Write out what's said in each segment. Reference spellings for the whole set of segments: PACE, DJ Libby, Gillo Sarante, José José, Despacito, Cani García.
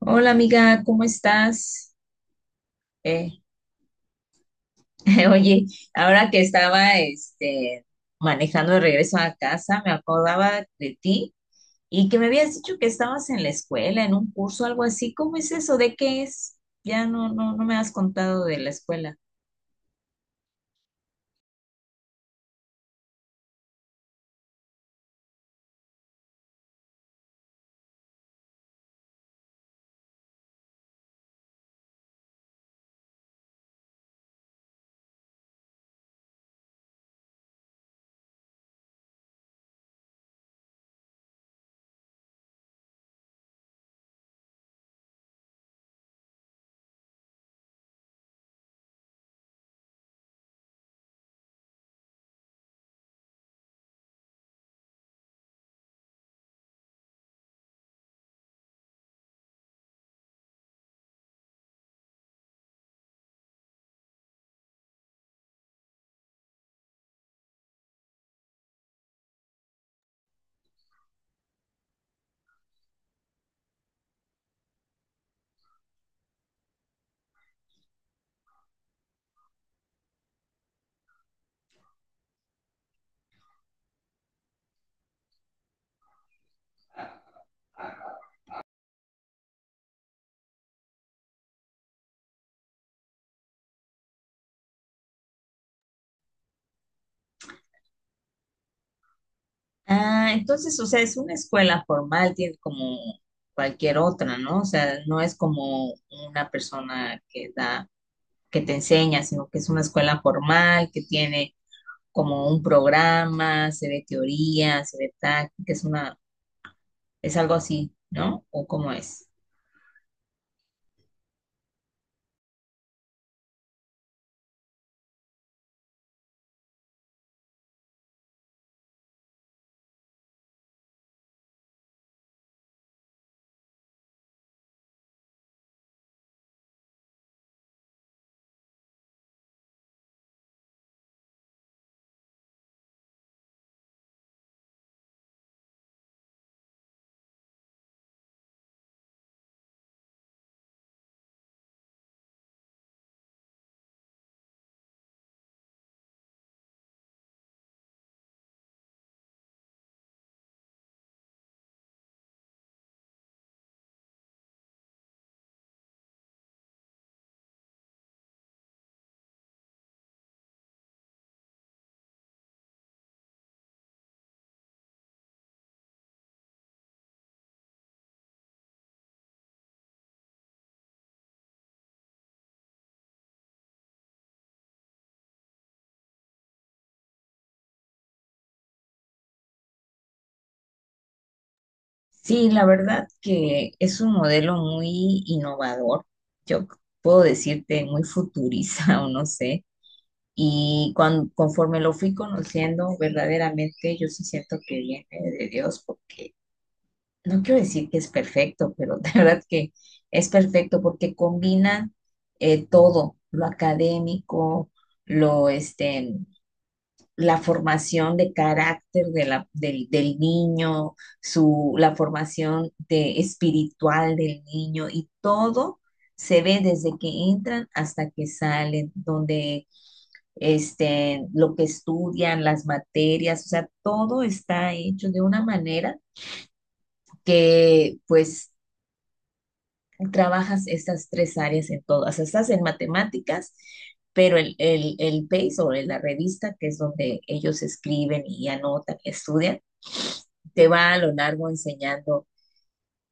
Hola amiga, ¿cómo estás? Eh, oye, ahora que estaba manejando de regreso a casa, me acordaba de ti y que me habías dicho que estabas en la escuela, en un curso, algo así. ¿Cómo es eso? ¿De qué es? Ya no me has contado de la escuela. Ah, entonces, o sea, es una escuela formal, tiene como cualquier otra, ¿no? O sea, no es como una persona que da, que te enseña, sino que es una escuela formal que tiene como un programa, se ve teoría, se ve táctica, es algo así, ¿no? ¿O cómo es? Sí, la verdad que es un modelo muy innovador, yo c- puedo decirte muy futurista o no sé, y conforme lo fui conociendo, verdaderamente yo sí siento que viene de Dios, porque no quiero decir que es perfecto, pero de verdad que es perfecto porque combina todo, lo académico, lo este, la formación de carácter de del niño, su, la formación de, espiritual del niño y todo se ve desde que entran hasta que salen, donde lo que estudian, las materias, o sea, todo está hecho de una manera que pues trabajas estas tres áreas en todas, o sea, estás en matemáticas, pero el PACE o la revista, que es donde ellos escriben y anotan y estudian, te va a lo largo enseñando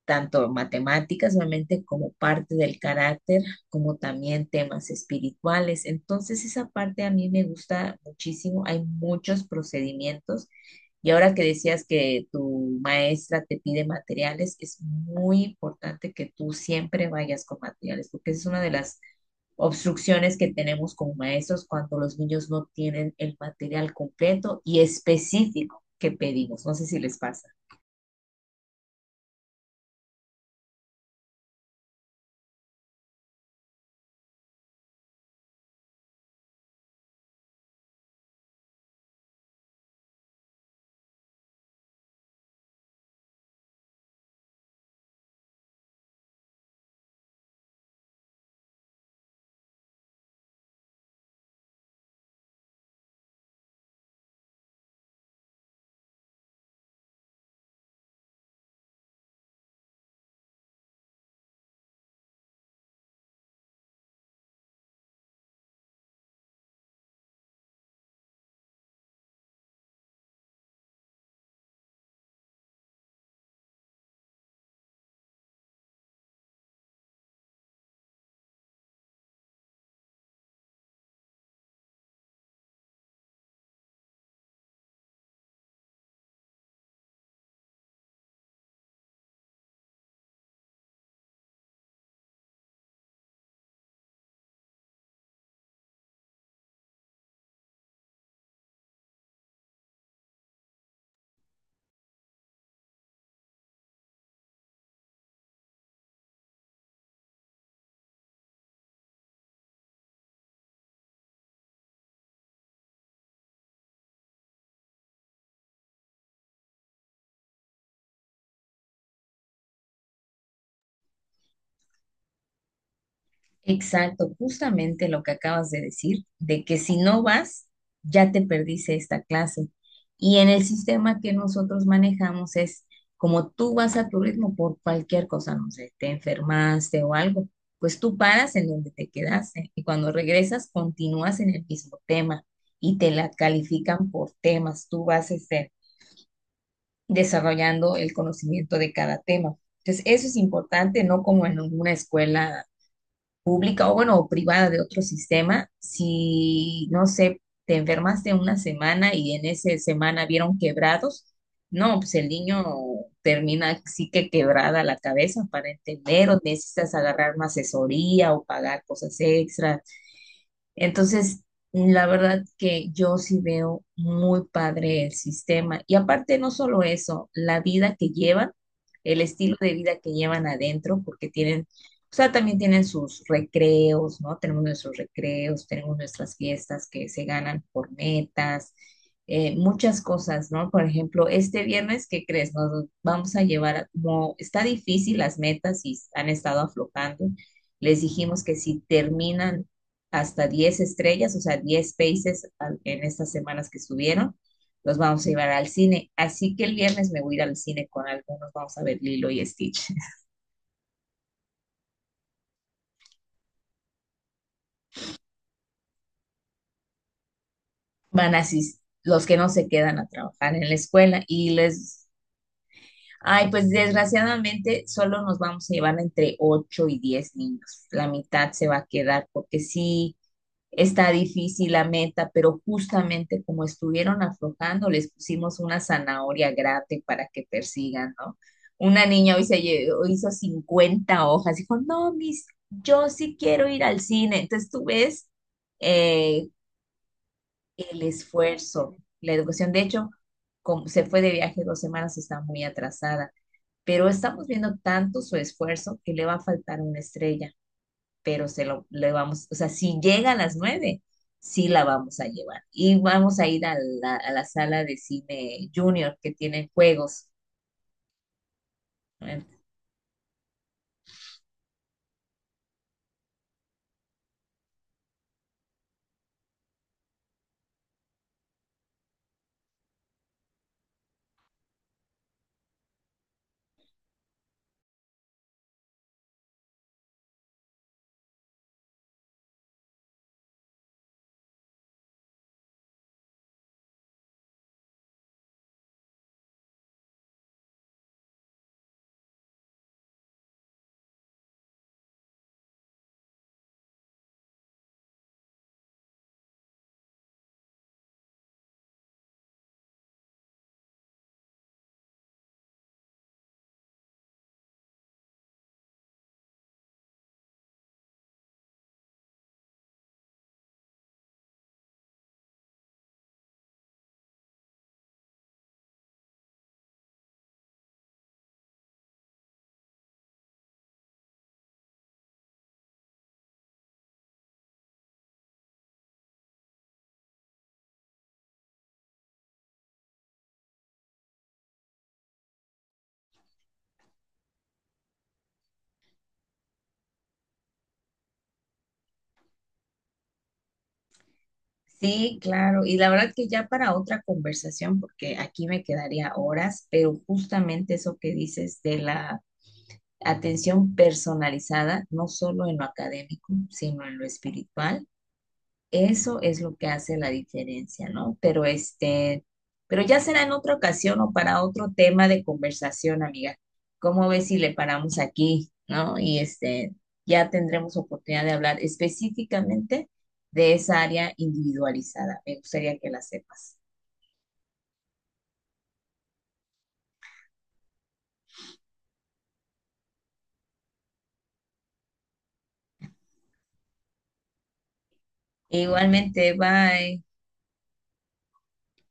tanto matemáticas, obviamente, como parte del carácter, como también temas espirituales. Entonces, esa parte a mí me gusta muchísimo. Hay muchos procedimientos. Y ahora que decías que tu maestra te pide materiales, es muy importante que tú siempre vayas con materiales, porque esa es una de las obstrucciones que tenemos como maestros cuando los niños no tienen el material completo y específico que pedimos. No sé si les pasa. Exacto, justamente lo que acabas de decir, de que si no vas, ya te perdiste esta clase. Y en el sistema que nosotros manejamos es como tú vas a tu ritmo por cualquier cosa, no sé, te enfermaste o algo, pues tú paras en donde te quedaste y cuando regresas continúas en el mismo tema y te la califican por temas, tú vas desarrollando el conocimiento de cada tema. Entonces, eso es importante, no como en una escuela pública o bueno, o privada de otro sistema, si no sé, te enfermaste una semana y en esa semana vieron quebrados, no, pues el niño termina sí que quebrada la cabeza para entender o necesitas agarrar una asesoría o pagar cosas extras, entonces, la verdad que yo sí veo muy padre el sistema. Y aparte, no solo eso, la vida que llevan, el estilo de vida que llevan adentro, porque tienen, o sea, también tienen sus recreos, ¿no? Tenemos nuestros recreos, tenemos nuestras fiestas que se ganan por metas, muchas cosas, ¿no? Por ejemplo, este viernes, ¿qué crees? Nos vamos a llevar, como está difícil las metas y han estado aflojando. Les dijimos que si terminan hasta 10 estrellas, o sea, 10 países en estas semanas que estuvieron. Los vamos a llevar al cine. Así que el viernes me voy a ir al cine con algunos. Vamos a ver Lilo y Stitch. Van a asistir los que no se quedan a trabajar en la escuela y les... Ay, pues desgraciadamente solo nos vamos a llevar entre 8 y 10 niños. La mitad se va a quedar porque sí. Está difícil la meta, pero justamente como estuvieron aflojando, les pusimos una zanahoria grande para que persigan, ¿no? Una niña hoy hizo 50 hojas, dijo, no, mis, yo sí quiero ir al cine. Entonces tú ves eh, el esfuerzo, la educación. De hecho, como se fue de viaje 2 semanas, está muy atrasada, pero estamos viendo tanto su esfuerzo que le va a faltar una estrella, pero se lo le vamos, o sea, si llega a las nueve, sí la vamos a llevar. Y vamos a ir a la sala de cine junior que tiene juegos. ¿No? Sí, claro. Y la verdad que ya para otra conversación, porque aquí me quedaría horas, pero justamente eso que dices de la atención personalizada, no solo en lo académico, sino en lo espiritual. Eso es lo que hace la diferencia, ¿no? Pero pero ya será en otra ocasión o para otro tema de conversación, amiga. ¿Cómo ves si le paramos aquí, ¿no? Y ya tendremos oportunidad de hablar específicamente de esa área individualizada. Me gustaría que la sepas. Igualmente, bye.